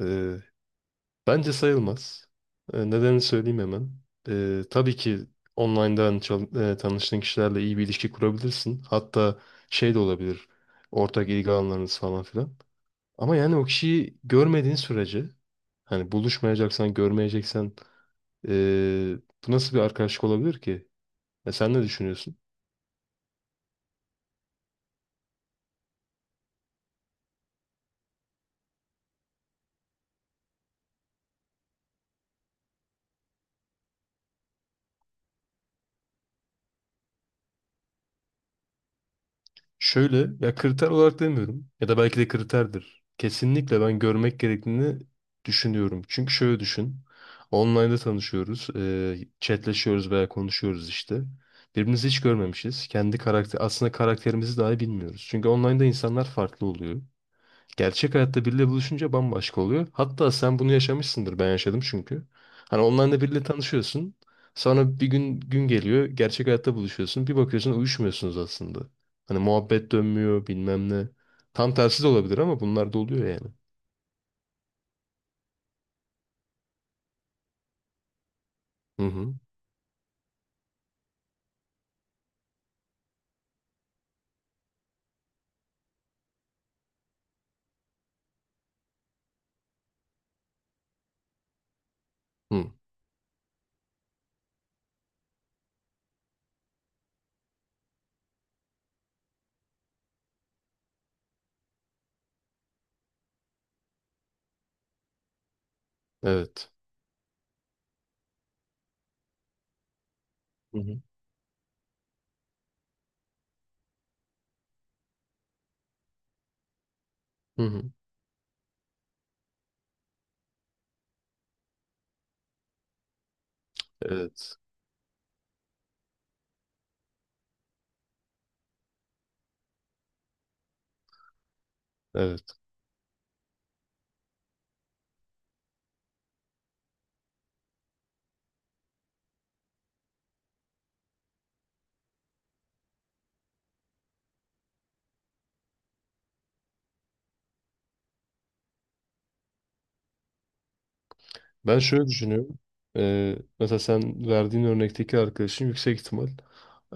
Ee, bence sayılmaz. Nedenini söyleyeyim hemen. Tabii ki online'dan tanıştığın kişilerle iyi bir ilişki kurabilirsin. Hatta şey de olabilir. Ortak ilgi alanlarınız falan filan. Ama yani o kişiyi görmediğin sürece hani buluşmayacaksan, görmeyeceksen ee, bu nasıl bir arkadaşlık olabilir ki? E, sen ne düşünüyorsun? Şöyle ya, kriter olarak demiyorum ya da belki de kriterdir. Kesinlikle ben görmek gerektiğini düşünüyorum. Çünkü şöyle düşün. Online'da tanışıyoruz. E, chatleşiyoruz veya konuşuyoruz işte. Birbirimizi hiç görmemişiz. Kendi karakter aslında karakterimizi dahi bilmiyoruz. Çünkü online'da insanlar farklı oluyor. Gerçek hayatta biriyle buluşunca bambaşka oluyor. Hatta sen bunu yaşamışsındır. Ben yaşadım çünkü. Hani onlarla biriyle tanışıyorsun. Sonra bir gün geliyor. Gerçek hayatta buluşuyorsun. Bir bakıyorsun uyuşmuyorsunuz aslında. Hani muhabbet dönmüyor bilmem ne. Tam tersi de olabilir ama bunlar da oluyor yani. Hı hı. Hı. Evet. Hı hı. Hı hı. Evet. Evet. Ben şöyle düşünüyorum. Mesela sen verdiğin örnekteki arkadaşın yüksek ihtimal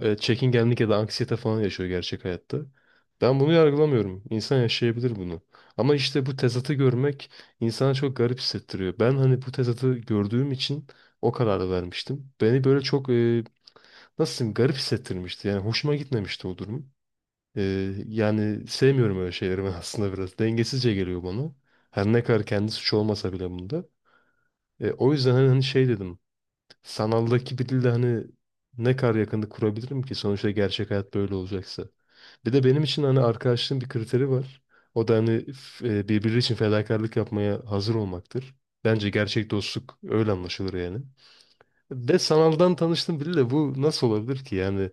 çekingenlik ya da anksiyete falan yaşıyor gerçek hayatta. Ben bunu yargılamıyorum. İnsan yaşayabilir bunu. Ama işte bu tezatı görmek insana çok garip hissettiriyor. Ben hani bu tezatı gördüğüm için o kararı vermiştim. Beni böyle çok nasıl diyeyim garip hissettirmişti. Yani hoşuma gitmemişti o durum. Yani sevmiyorum öyle şeyleri ben aslında biraz. Dengesizce geliyor bana. Her ne kadar kendi suçu olmasa bile bunda. E, o yüzden hani şey dedim. Sanaldaki biriyle hani ne kadar yakınlık kurabilirim ki sonuçta gerçek hayat böyle olacaksa. Bir de benim için hani arkadaşlığın bir kriteri var. O da hani birbiri için fedakarlık yapmaya hazır olmaktır. Bence gerçek dostluk öyle anlaşılır yani. Ve sanaldan tanıştım biriyle bu nasıl olabilir ki? Yani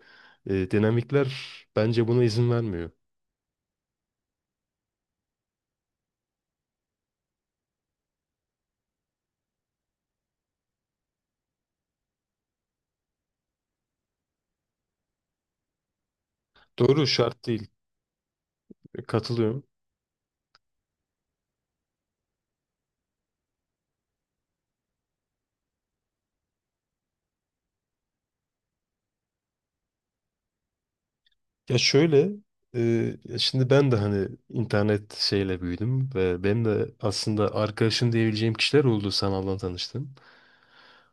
dinamikler bence buna izin vermiyor. Doğru, şart değil. E, katılıyorum. Ya şöyle, e, ya şimdi ben de hani internet şeyle büyüdüm ve benim de aslında arkadaşım diyebileceğim kişiler oldu sanaldan tanıştım.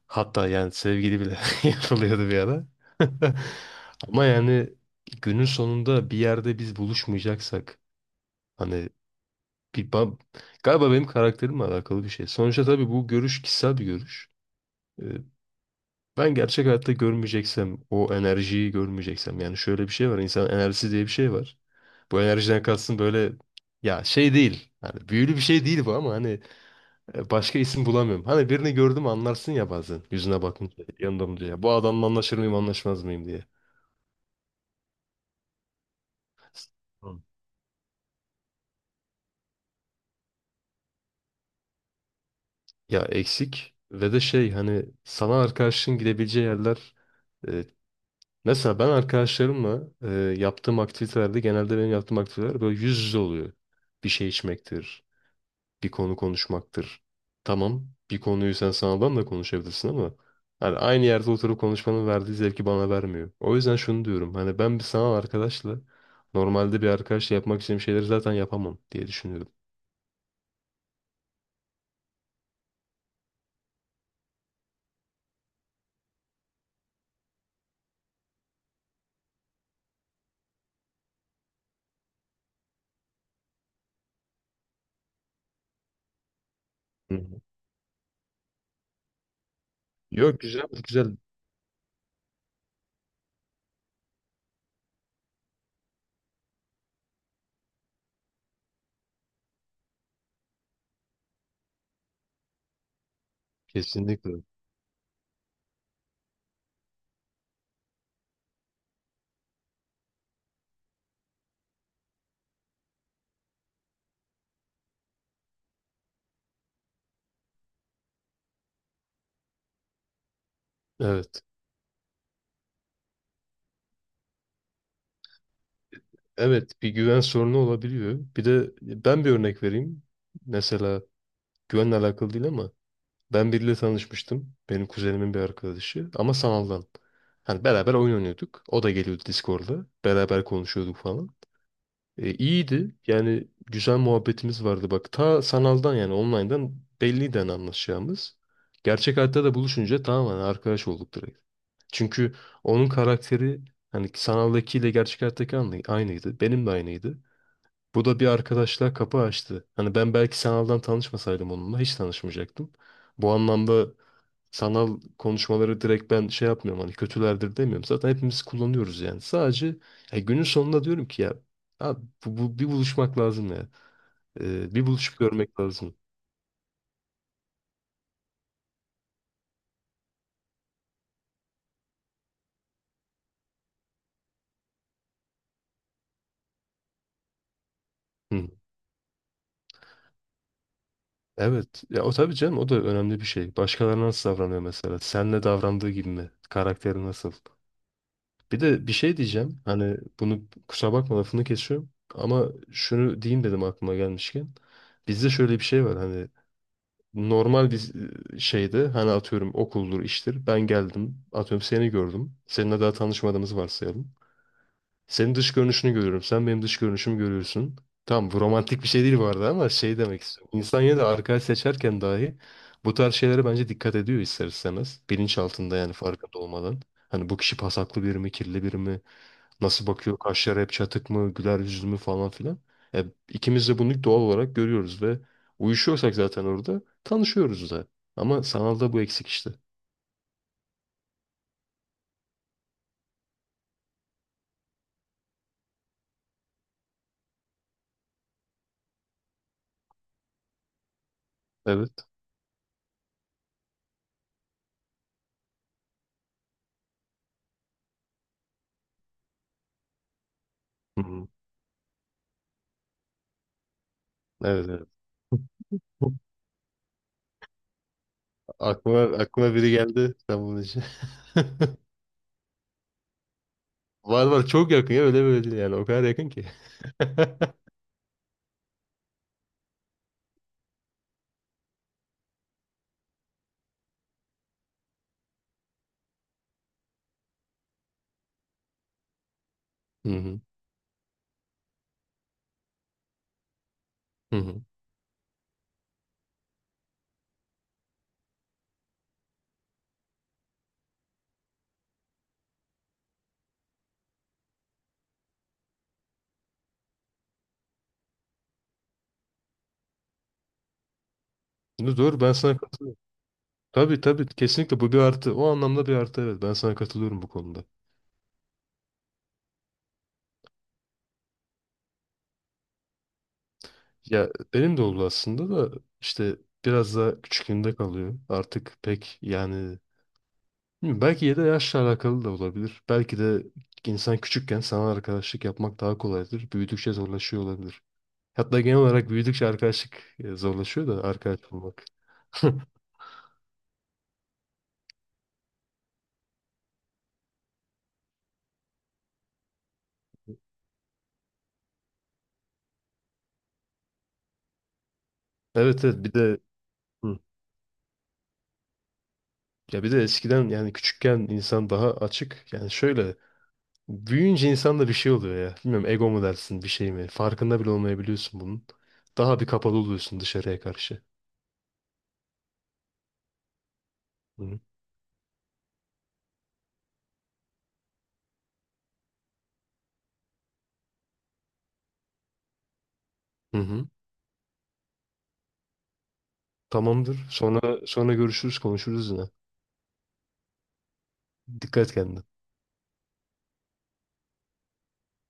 Hatta yani sevgili bile yapılıyordu bir ara. Ama yani günün sonunda bir yerde biz buluşmayacaksak hani bir ba- galiba benim karakterimle alakalı bir şey. Sonuçta tabii bu görüş kişisel bir görüş. E, Ben gerçek hayatta görmeyeceksem, o enerjiyi görmeyeceksem yani şöyle bir şey var. İnsan enerjisi diye bir şey var. Bu enerjiden kalsın böyle ya, şey değil. Hani büyülü bir şey değil bu ama hani başka isim bulamıyorum. Hani birini gördüm anlarsın ya bazen yüzüne bakınca yanında mı diye. Ya, bu adamla anlaşır mıyım anlaşmaz mıyım diye. Hı. Ya eksik ve de şey hani sana arkadaşın gidebileceği yerler, e, mesela ben arkadaşlarımla yaptığım aktivitelerde genelde benim yaptığım aktiviteler böyle yüz yüze oluyor. Bir şey içmektir, bir konu konuşmaktır. Tamam, bir konuyu sen sanaldan da konuşabilirsin ama hani aynı yerde oturup konuşmanın verdiği zevki bana vermiyor. O yüzden şunu diyorum. Hani ben bir sanal arkadaşla normalde bir arkadaşla yapmak istediğim şeyleri zaten yapamam diye düşünüyorum. Hı hı. Yok, güzel, güzel. Kesinlikle. Evet. Evet, bir güven sorunu olabiliyor. Bir de ben bir örnek vereyim. Mesela güvenle alakalı değil ama ben biriyle tanışmıştım. Benim kuzenimin bir arkadaşı ama sanaldan. Hani beraber oyun oynuyorduk. O da geliyordu Discord'da, beraber konuşuyorduk falan. E, iyiydi. Yani güzel muhabbetimiz vardı. Bak ta sanaldan yani online'dan belliydi hani anlaşacağımız. Gerçek hayatta da buluşunca tamamen arkadaş olduk direkt. Çünkü onun karakteri hani sanaldakiyle gerçek hayattaki aynıydı. Benim de aynıydı. Bu da bir arkadaşlığa kapı açtı. Hani ben belki sanaldan tanışmasaydım onunla hiç tanışmayacaktım. Bu anlamda sanal konuşmaları direkt ben şey yapmıyorum hani kötülerdir demiyorum. Zaten hepimiz kullanıyoruz yani. Sadece ya günün sonunda diyorum ki ya abi bir buluşmak lazım ya. Bir buluşup görmek lazım. Hı. Evet. Ya o tabii canım o da önemli bir şey. Başkalarına nasıl davranıyor mesela? Senle davrandığı gibi mi? Karakteri nasıl? Bir de bir şey diyeceğim. Hani bunu kusura bakma, lafını kesiyorum. Ama şunu diyeyim dedim aklıma gelmişken. Bizde şöyle bir şey var hani normal bir şeydi. Hani atıyorum okuldur, iştir. Ben geldim. Atıyorum seni gördüm. Seninle daha tanışmadığımızı varsayalım. Senin dış görünüşünü görüyorum. Sen benim dış görünüşümü görüyorsun. Tamam, bu romantik bir şey değil bu arada ama şey demek istiyorum. İnsan yine de arkadaş seçerken dahi bu tarz şeylere bence dikkat ediyor ister istemez. Bilinç altında yani farkında olmadan. Hani bu kişi pasaklı biri mi, kirli biri mi? Nasıl bakıyor? Kaşları hep çatık mı? Güler yüzlü mü falan filan. E, ikimiz de bunu doğal olarak görüyoruz ve uyuşuyorsak zaten orada tanışıyoruz da. Ama sanalda bu eksik işte. Evet. Hı hı. Evet, evet. Aklıma biri geldi sen bunun için. Var var, çok yakın ya, öyle böyle değil, yani o kadar yakın ki. Hı hı. Hı hı. Dur, ben sana katılıyorum. Tabii tabii, kesinlikle bu bir artı. O anlamda bir artı, evet, ben sana katılıyorum bu konuda. Ya benim de oldu aslında da işte biraz daha küçüklüğünde kalıyor. Artık pek yani bilmiyorum, belki ya da yaşla alakalı da olabilir. Belki de insan küçükken sana arkadaşlık yapmak daha kolaydır. Büyüdükçe zorlaşıyor olabilir. Hatta genel olarak büyüdükçe arkadaşlık zorlaşıyor da arkadaş bulmak. Evet evet, bir de hı. Ya bir de eskiden yani küçükken insan daha açık. Yani şöyle büyüyünce insanda bir şey oluyor ya. Bilmiyorum, ego mu dersin bir şey mi? Farkında bile olmayabiliyorsun bunun. Daha bir kapalı oluyorsun dışarıya karşı. Hı hı. Hı hı. Tamamdır. Sonra görüşürüz, konuşuruz yine. Dikkat et kendine.